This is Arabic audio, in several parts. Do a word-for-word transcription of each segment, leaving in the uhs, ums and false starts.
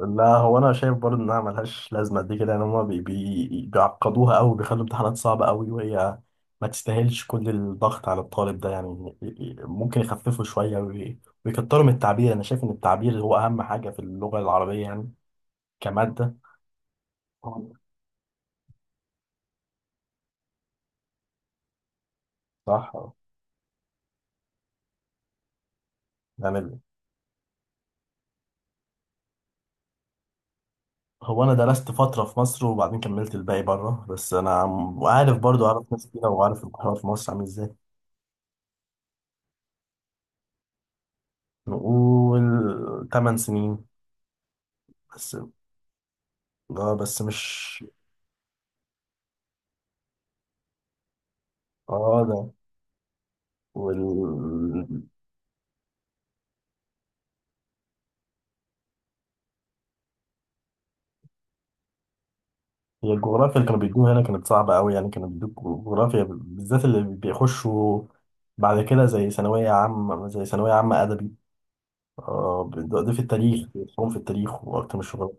لا، هو انا شايف برضه انها ملهاش لازمه قد كده يعني. هما بي بي بيعقدوها قوي، بيخلوا امتحانات صعبه قوي، وهي ما تستاهلش كل الضغط على الطالب ده يعني. ممكن يخففوا شويه وي- ويكتروا من التعبير. انا شايف ان التعبير هو اهم حاجه في اللغه العربيه يعني، كماده. صح يعني. هو انا درست فتره في مصر وبعدين كملت الباقي بره، بس انا عم- وعارف برضه عارف ناس كتير، وعارف القرار في مصر عامل ازاي. نقول تمن سنين بس. اه بس مش. اه ده وال هي الجغرافيا اللي كانوا بيدوها هنا كانت صعبة أوي يعني. كانوا بيدوك جغرافيا بالذات اللي بيخشوا بعد كده زي ثانوية عامة زي ثانوية عامة أدبي. آه، بيدوا- ده في التاريخ، بيدخلهم في التاريخ وقت مش الشغل.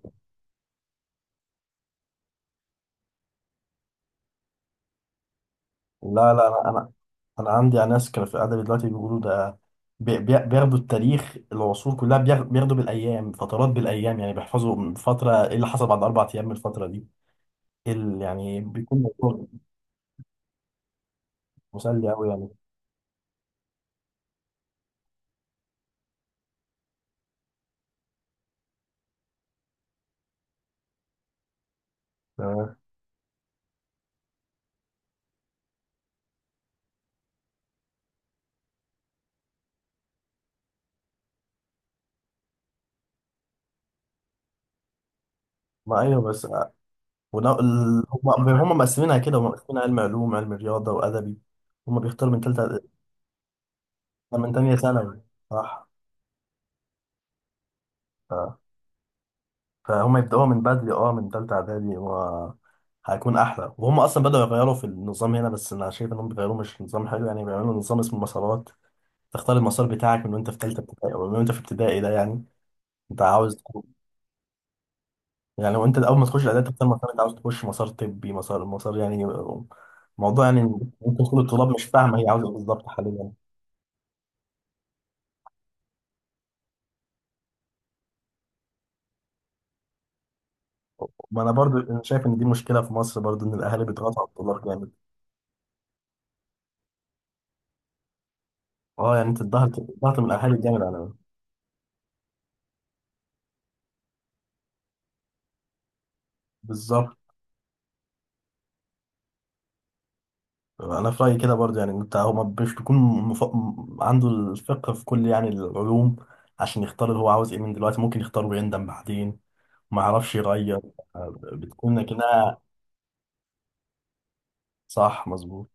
لا لا، أنا أنا أنا عندي ناس كانوا في أدبي دلوقتي بيقولوا ده. بي- بي- بياخدوا التاريخ العصور كلها، بياخ- بياخدوا بالأيام، فترات بالأيام يعني. بيحفظوا من فترة إيه اللي حصل بعد أربع أيام من الفترة دي، إيه اللي- يعني. بيكون موضوع مسلي أوي يعني. تمام. ما أيوه بس. ونا... ال... هم هم مقسمينها كده، هم مقسمين علم علوم، علم رياضة، وأدبي. هم بيختاروا من تالتة، من تانية ثانوي. صح. ف... فهم يبدأوها من بدري، اه من تالتة إعدادي و... هيكون أحلى. وهم أصلا بدأوا يغيروا في النظام هنا، بس أنا شايف إنهم بيغيروا مش نظام حلو يعني. بيعملوا نظام اسمه مسارات. تختار المسار بتاعك من وأنت في تالتة ابتدائي، أو من وأنت في ابتدائي ده يعني. أنت عاوز تكون- يعني لو أنت أول ما تخش الإعدادي تختار مسار، أنت عاوز تخش مسار طبي، مسار مسار يعني. آه، موضوع يعني. ممكن كل الطلاب مش فاهمة هي عاوزة إيه بالظبط حاليا. ما انا برضو انا شايف ان دي مشكله في مصر برضو، ان الاهالي بيضغطوا على الطلاق جامد. اه يعني انت الضغط الضغط من الاهالي جامد على. بالظبط. انا في رايي كده برضو يعني. انت هو ما مش بيكون مف... م- عنده الفقه في كل يعني العلوم عشان يختار اللي هو عاوز ايه من دلوقتي. ممكن يختار ويندم بعدين، ما يعرفش يغير. آه، بتكون لكنها. صح، مظبوط.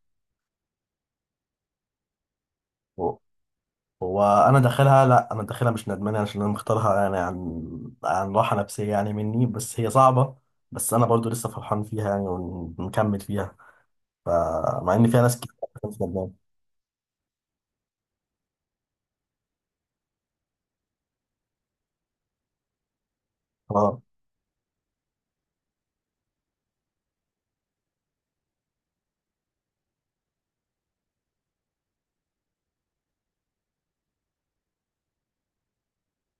هو انا داخلها، لا، انا داخلها مش ندمان، عشان انا مختارها يعني عن عن راحه نفسيه يعني مني. بس هي صعبه، بس انا برضو لسه فرحان فيها يعني، ونكمل فيها. فمع ان فيها ناس كتير. مش ندمان. اه.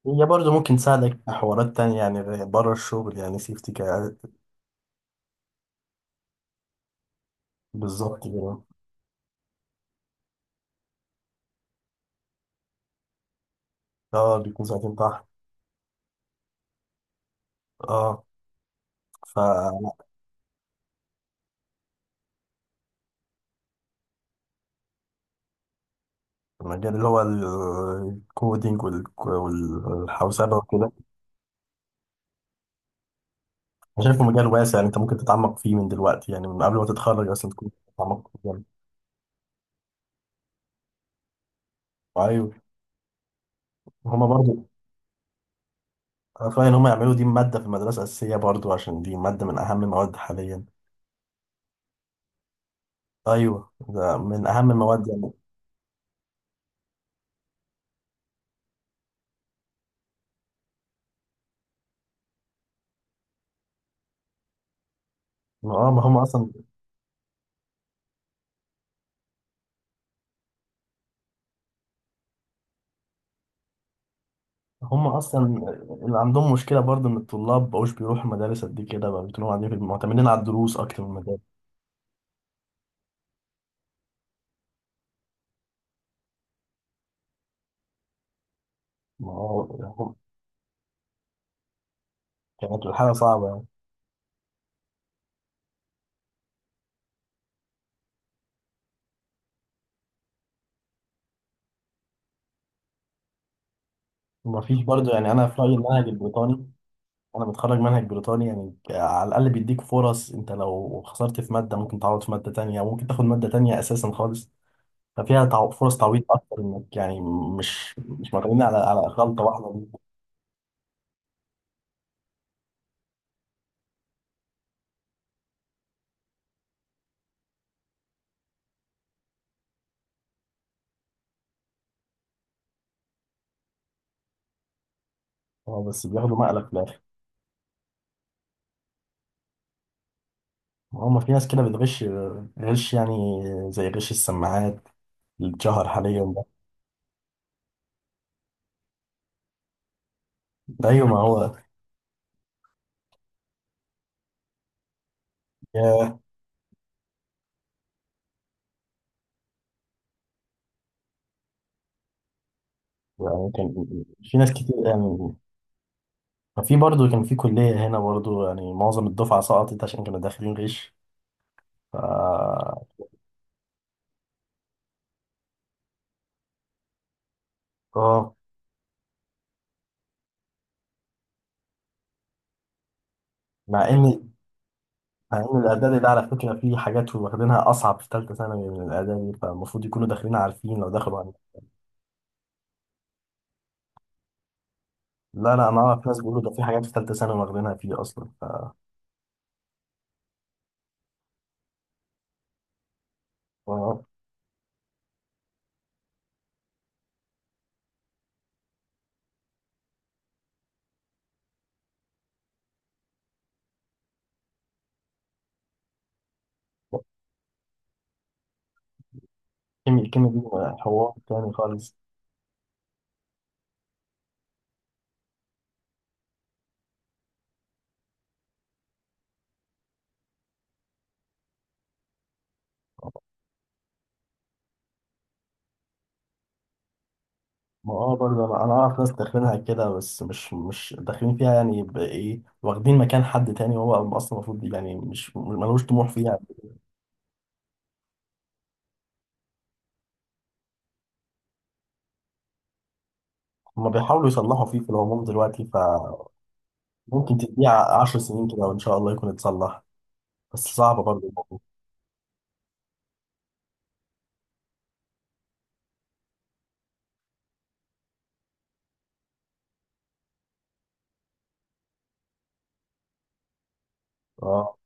هي برضو ممكن تساعدك في حوارات تانية يعني بره الشغل. يعني سيفتي كا- بالظبط كده. اه بيكون ساعتين تحت. اه، فالمجال. اللي هو الكودينج والحوسبة وكده. انا شايفه مجال واسع يعني. انت ممكن تتعمق فيه من دلوقتي يعني، من قبل ما تتخرج اصلا تكون تتعمق في المجال. ايوه. هما برضو. انا فاهم ان هما يعملوا دي ماده في المدرسه اساسيه برضو، عشان دي ماده من اهم المواد حاليا. ايوه ده من اهم المواد يعني. ما اه ما هم اصلا هم اصلا اللي عندهم مشكله برضو ان الطلاب مبقوش بيروحوا المدارس قد كده بقى، بيكونوا قاعدين في، معتمدين على الدروس اكتر من المدارس. ما هو يعني. كانت الحاله صعبه يعني. ما فيش برضو. يعني انا في رايي المنهج البريطاني، انا متخرج منهج بريطاني. يعني على الاقل بيديك فرص. انت لو خسرت في ماده ممكن تعوض في ماده تانية، او ممكن تاخد ماده تانية اساسا خالص. ففيها تعو... فرص تعويض اكتر انك يعني مش مش معتمدين على على غلطه واحده دي. اه بس بياخدوا مقلب في الاخر. هم في ناس كده بتغش، غش يعني، زي غش السماعات اللي اتشهر حاليا ده. ده ايوه ما هو. ياه. يعني كان في ناس كتير يعني. ففي برضه كان في كليه هنا برضه، يعني معظم الدفعه سقطت عشان كانوا داخلين غش. ف... اه. مع ان مع ان الاعدادي ده على فكره فيه حاجات واخدينها اصعب في ثالثه ثانوي من الاعدادي، فالمفروض يكونوا داخلين عارفين لو دخلوا عن... لا لا انا اعرف ناس بيقولوا ده في حاجات في ثالثه ثانوي واخدينها فيه اصلا. ف و- الكيمياء الكيمياء دي حوار تاني خالص. ما اه برضه، انا انا اعرف ناس داخلينها كده، بس مش مش داخلين فيها يعني بايه، واخدين مكان حد تاني هو اصلا المفروض يعني. مش ملوش طموح فيها. هما بيحاولوا يصلحوا فيه في العموم دلوقتي، فممكن تديه عشر سنين كده وان شاء الله يكون اتصلح. بس صعبه برضه. اه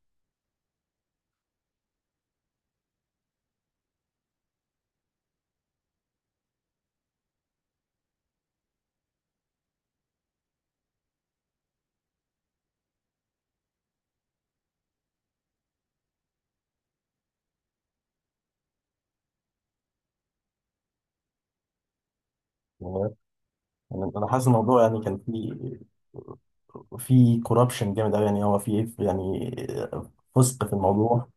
يعني. انا أنا حاسس الموضوع يعني كان فيه، في كوربشن جامد قوي يعني. هو في يعني فسق في الموضوع.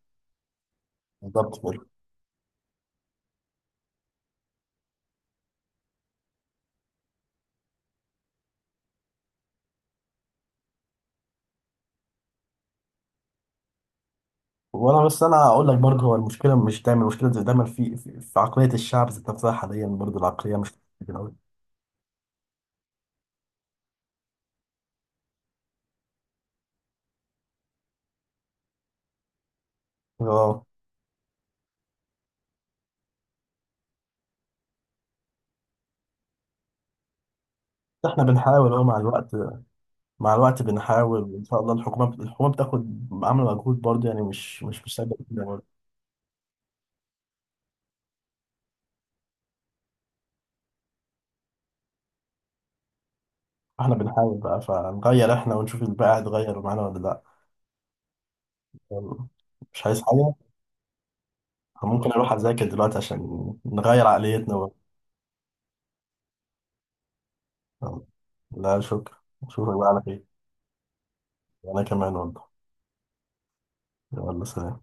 بالظبط كده. وانا، بس انا اقول لك برضه، هو المشكله مش دايما، المشكله زي دايما في في في عقليه الشعب ذات نفسها. حاليا برضه العقليه مش كده قوي. اه. احنا بنحاول اهو مع الوقت، مع الوقت بنحاول ان شاء الله. الحكومه الحكومه بتاخد، عامله مجهود برضه يعني. مش مش مش سايبه كده برضه. احنا بنحاول بقى، فنغير احنا، ونشوف الباقي هيتغير معانا ولا لا. مش عايز حاجه. ممكن اروح اذاكر دلوقتي عشان نغير عقليتنا بقى. لا شكرا. اشوفك بقى على خير. انا كمان والله. يلا، سلام.